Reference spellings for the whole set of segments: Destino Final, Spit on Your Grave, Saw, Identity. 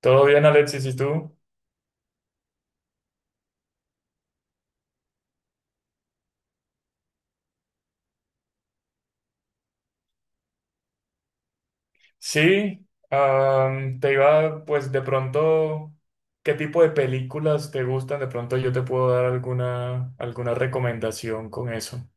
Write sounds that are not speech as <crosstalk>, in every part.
Todo bien, Alexis, ¿y tú? Sí, te iba, pues de pronto, ¿qué tipo de películas te gustan? De pronto yo te puedo dar alguna recomendación con eso.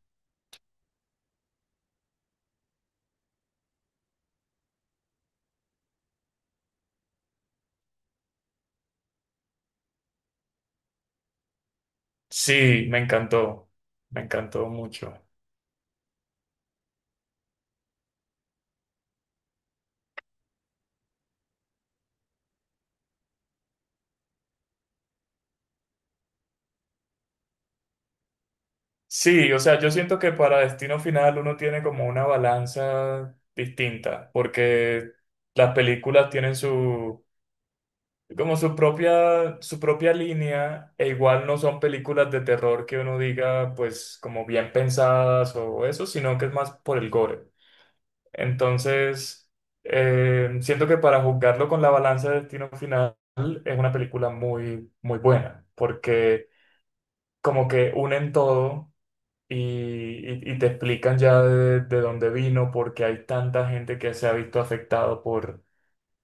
Sí, me encantó mucho. Sí, o sea, yo siento que para Destino Final uno tiene como una balanza distinta, porque las películas tienen su como su propia línea, e igual no son películas de terror que uno diga, pues, como bien pensadas o eso, sino que es más por el gore. Entonces, siento que para juzgarlo con la balanza de Destino Final es una película muy, muy buena, porque como que unen todo y te explican ya de dónde vino, porque hay tanta gente que se ha visto afectado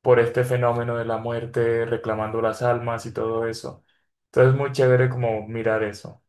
por este fenómeno de la muerte, reclamando las almas y todo eso. Entonces, muy chévere como mirar eso.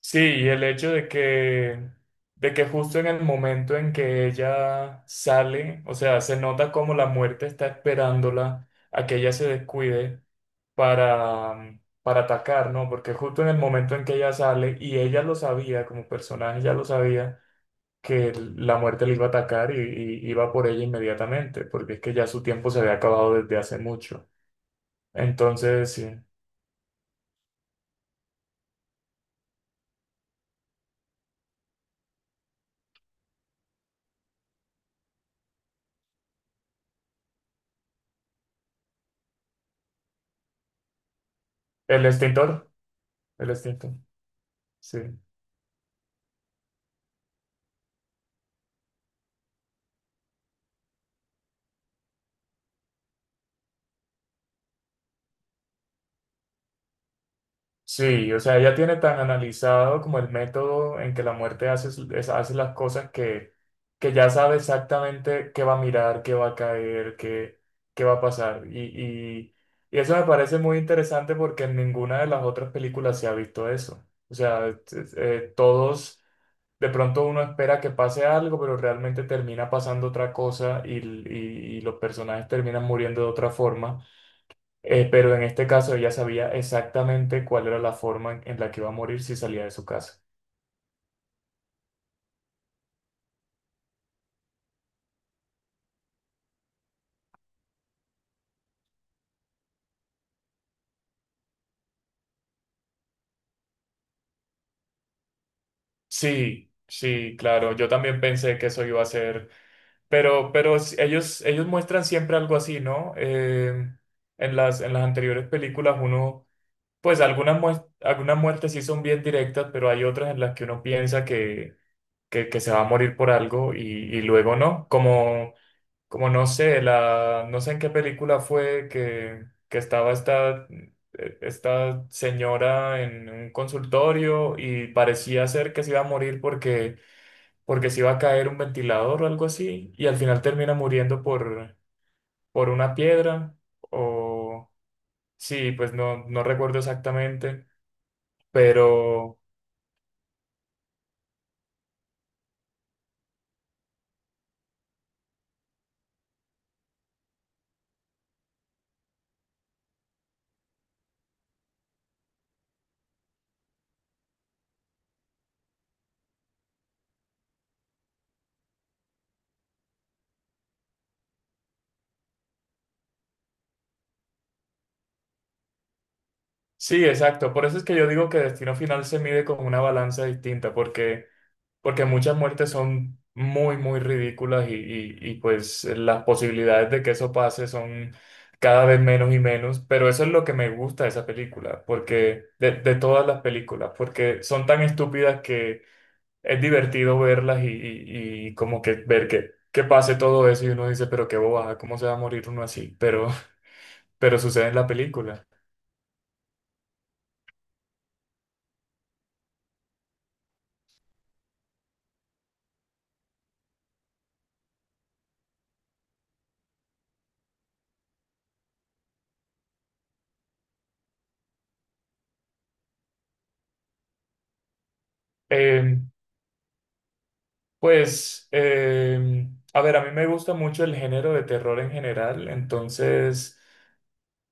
Sí, y el hecho de que justo en el momento en que ella sale, o sea, se nota como la muerte está esperándola a que ella se descuide para atacar, ¿no? Porque justo en el momento en que ella sale, y ella lo sabía como personaje, ella lo sabía, que la muerte le iba a atacar y iba por ella inmediatamente, porque es que ya su tiempo se había acabado desde hace mucho. Entonces, sí. El extintor, el extintor, sí. Sí, o sea, ella tiene tan analizado como el método en que la muerte hace, hace las cosas que ya sabe exactamente qué va a mirar, qué va a caer, qué, qué va a pasar. Y eso me parece muy interesante porque en ninguna de las otras películas se ha visto eso. O sea, todos de pronto uno espera que pase algo, pero realmente termina pasando otra cosa y, y los personajes terminan muriendo de otra forma. Pero en este caso ella sabía exactamente cuál era la forma en la que iba a morir si salía de su casa. Sí, sí, claro, yo también pensé que eso iba a ser, pero, ellos, ellos muestran siempre algo así, ¿no? En en las anteriores películas uno, pues algunas, algunas muertes sí son bien directas, pero hay otras en las que uno piensa que se va a morir por algo y luego no, como, como no sé, no sé en qué película fue que estaba esta, esta señora en un consultorio y parecía ser que se iba a morir porque, porque se iba a caer un ventilador o algo así y al final termina muriendo por una piedra o sí, pues no, no recuerdo exactamente, pero... Sí, exacto. Por eso es que yo digo que Destino Final se mide con una balanza distinta, porque muchas muertes son muy, muy ridículas y, pues las posibilidades de que eso pase son cada vez menos y menos, pero eso es lo que me gusta de esa película, porque de todas las películas, porque son tan estúpidas que es divertido verlas y como que ver que pase todo eso y uno dice, pero qué bobada, ¿cómo se va a morir uno así? Pero, <laughs> pero sucede en la película. Eh, pues, a ver, a mí me gusta mucho el género de terror en general, entonces...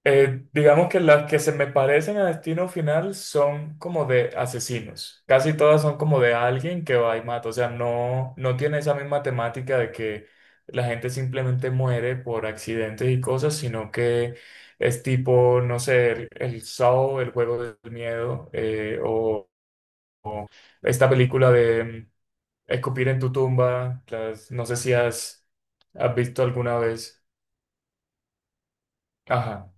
Digamos que las que se me parecen a Destino Final son como de asesinos. Casi todas son como de alguien que va y mata. O sea, no, no tiene esa misma temática de que la gente simplemente muere por accidentes y cosas, sino que es tipo, no sé, el Saw, el juego del miedo, o esta película de Escupir en tu tumba. No sé si has, has visto alguna vez. Ajá.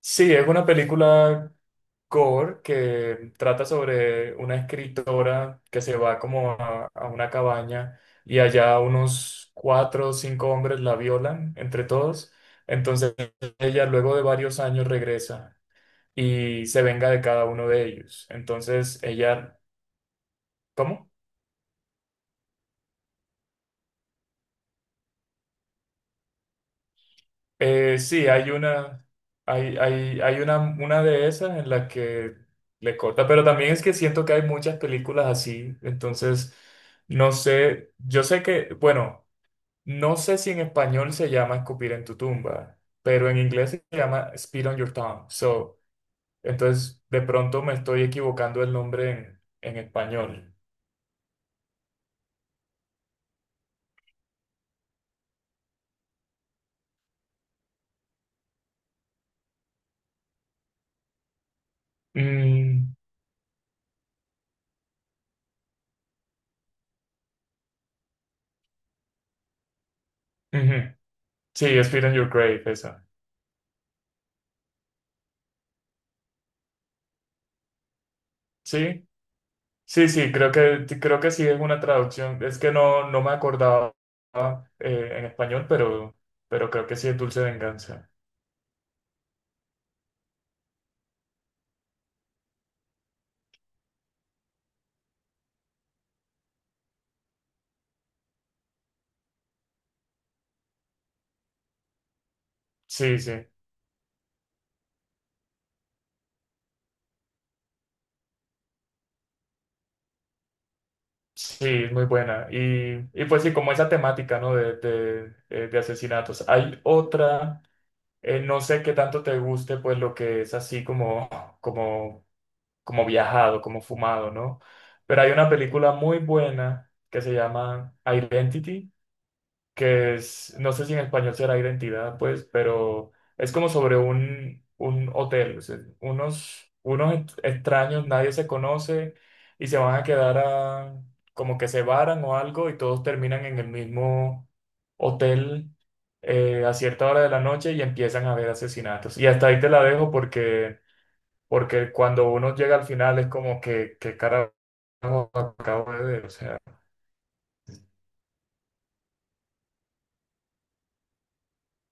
Sí, es una película core, que trata sobre una escritora que se va como a una cabaña y allá unos cuatro o cinco hombres la violan entre todos. Entonces ella luego de varios años regresa y se venga de cada uno de ellos. Entonces ella, ¿cómo? Sí, hay una, hay una de esas en la que le corta, pero también es que siento que hay muchas películas así, entonces... No sé, yo sé que, bueno, no sé si en español se llama escupir en tu tumba, pero en inglés se llama spit on your tongue. So, entonces, de pronto me estoy equivocando el nombre en español. Mm, ujú. Sí, spit on your grave, esa. Sí, sí, sí, creo que sí es una traducción. Es que no, no me acordaba en español, pero creo que sí es dulce venganza. Sí, sí. Sí, es muy buena. Y pues sí, como esa temática, ¿no? De asesinatos. Hay otra, no sé qué tanto te guste, pues lo que es así como, como, como viajado, como fumado, ¿no? Pero hay una película muy buena que se llama Identity que es, no sé si en español será identidad, pues, pero es como sobre un hotel, o sea, unos, extraños, nadie se conoce y se van a quedar a, como que se varan o algo y todos terminan en el mismo hotel a cierta hora de la noche y empiezan a haber asesinatos. Y hasta ahí te la dejo porque, porque cuando uno llega al final es como que carajo acabo de ver, o sea.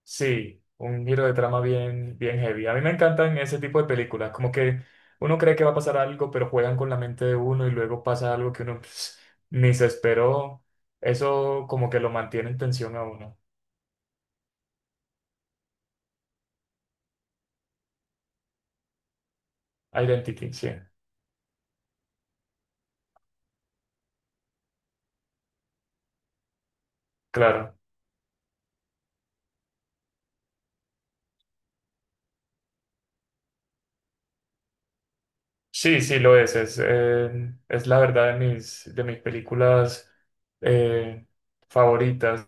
Sí, un giro de trama bien, bien heavy. A mí me encantan ese tipo de películas, como que uno cree que va a pasar algo, pero juegan con la mente de uno y luego pasa algo que uno pues, ni se esperó. Eso como que lo mantiene en tensión a uno. Identity, sí, claro. Sí, sí, lo es. Es la verdad de mis películas eh, favoritas.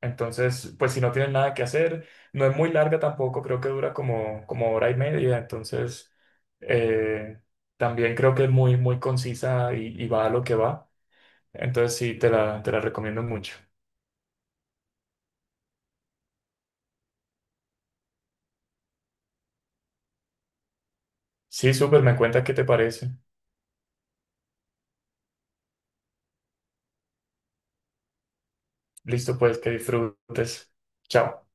Entonces, pues si no tienen nada que hacer, no es muy larga tampoco, creo que dura como, como hora y media. Entonces, eh, también creo que es muy, muy concisa y va a lo que va. Entonces, sí, te la recomiendo mucho. Sí, súper, me cuenta qué te parece. Listo, pues, que disfrutes. Chao.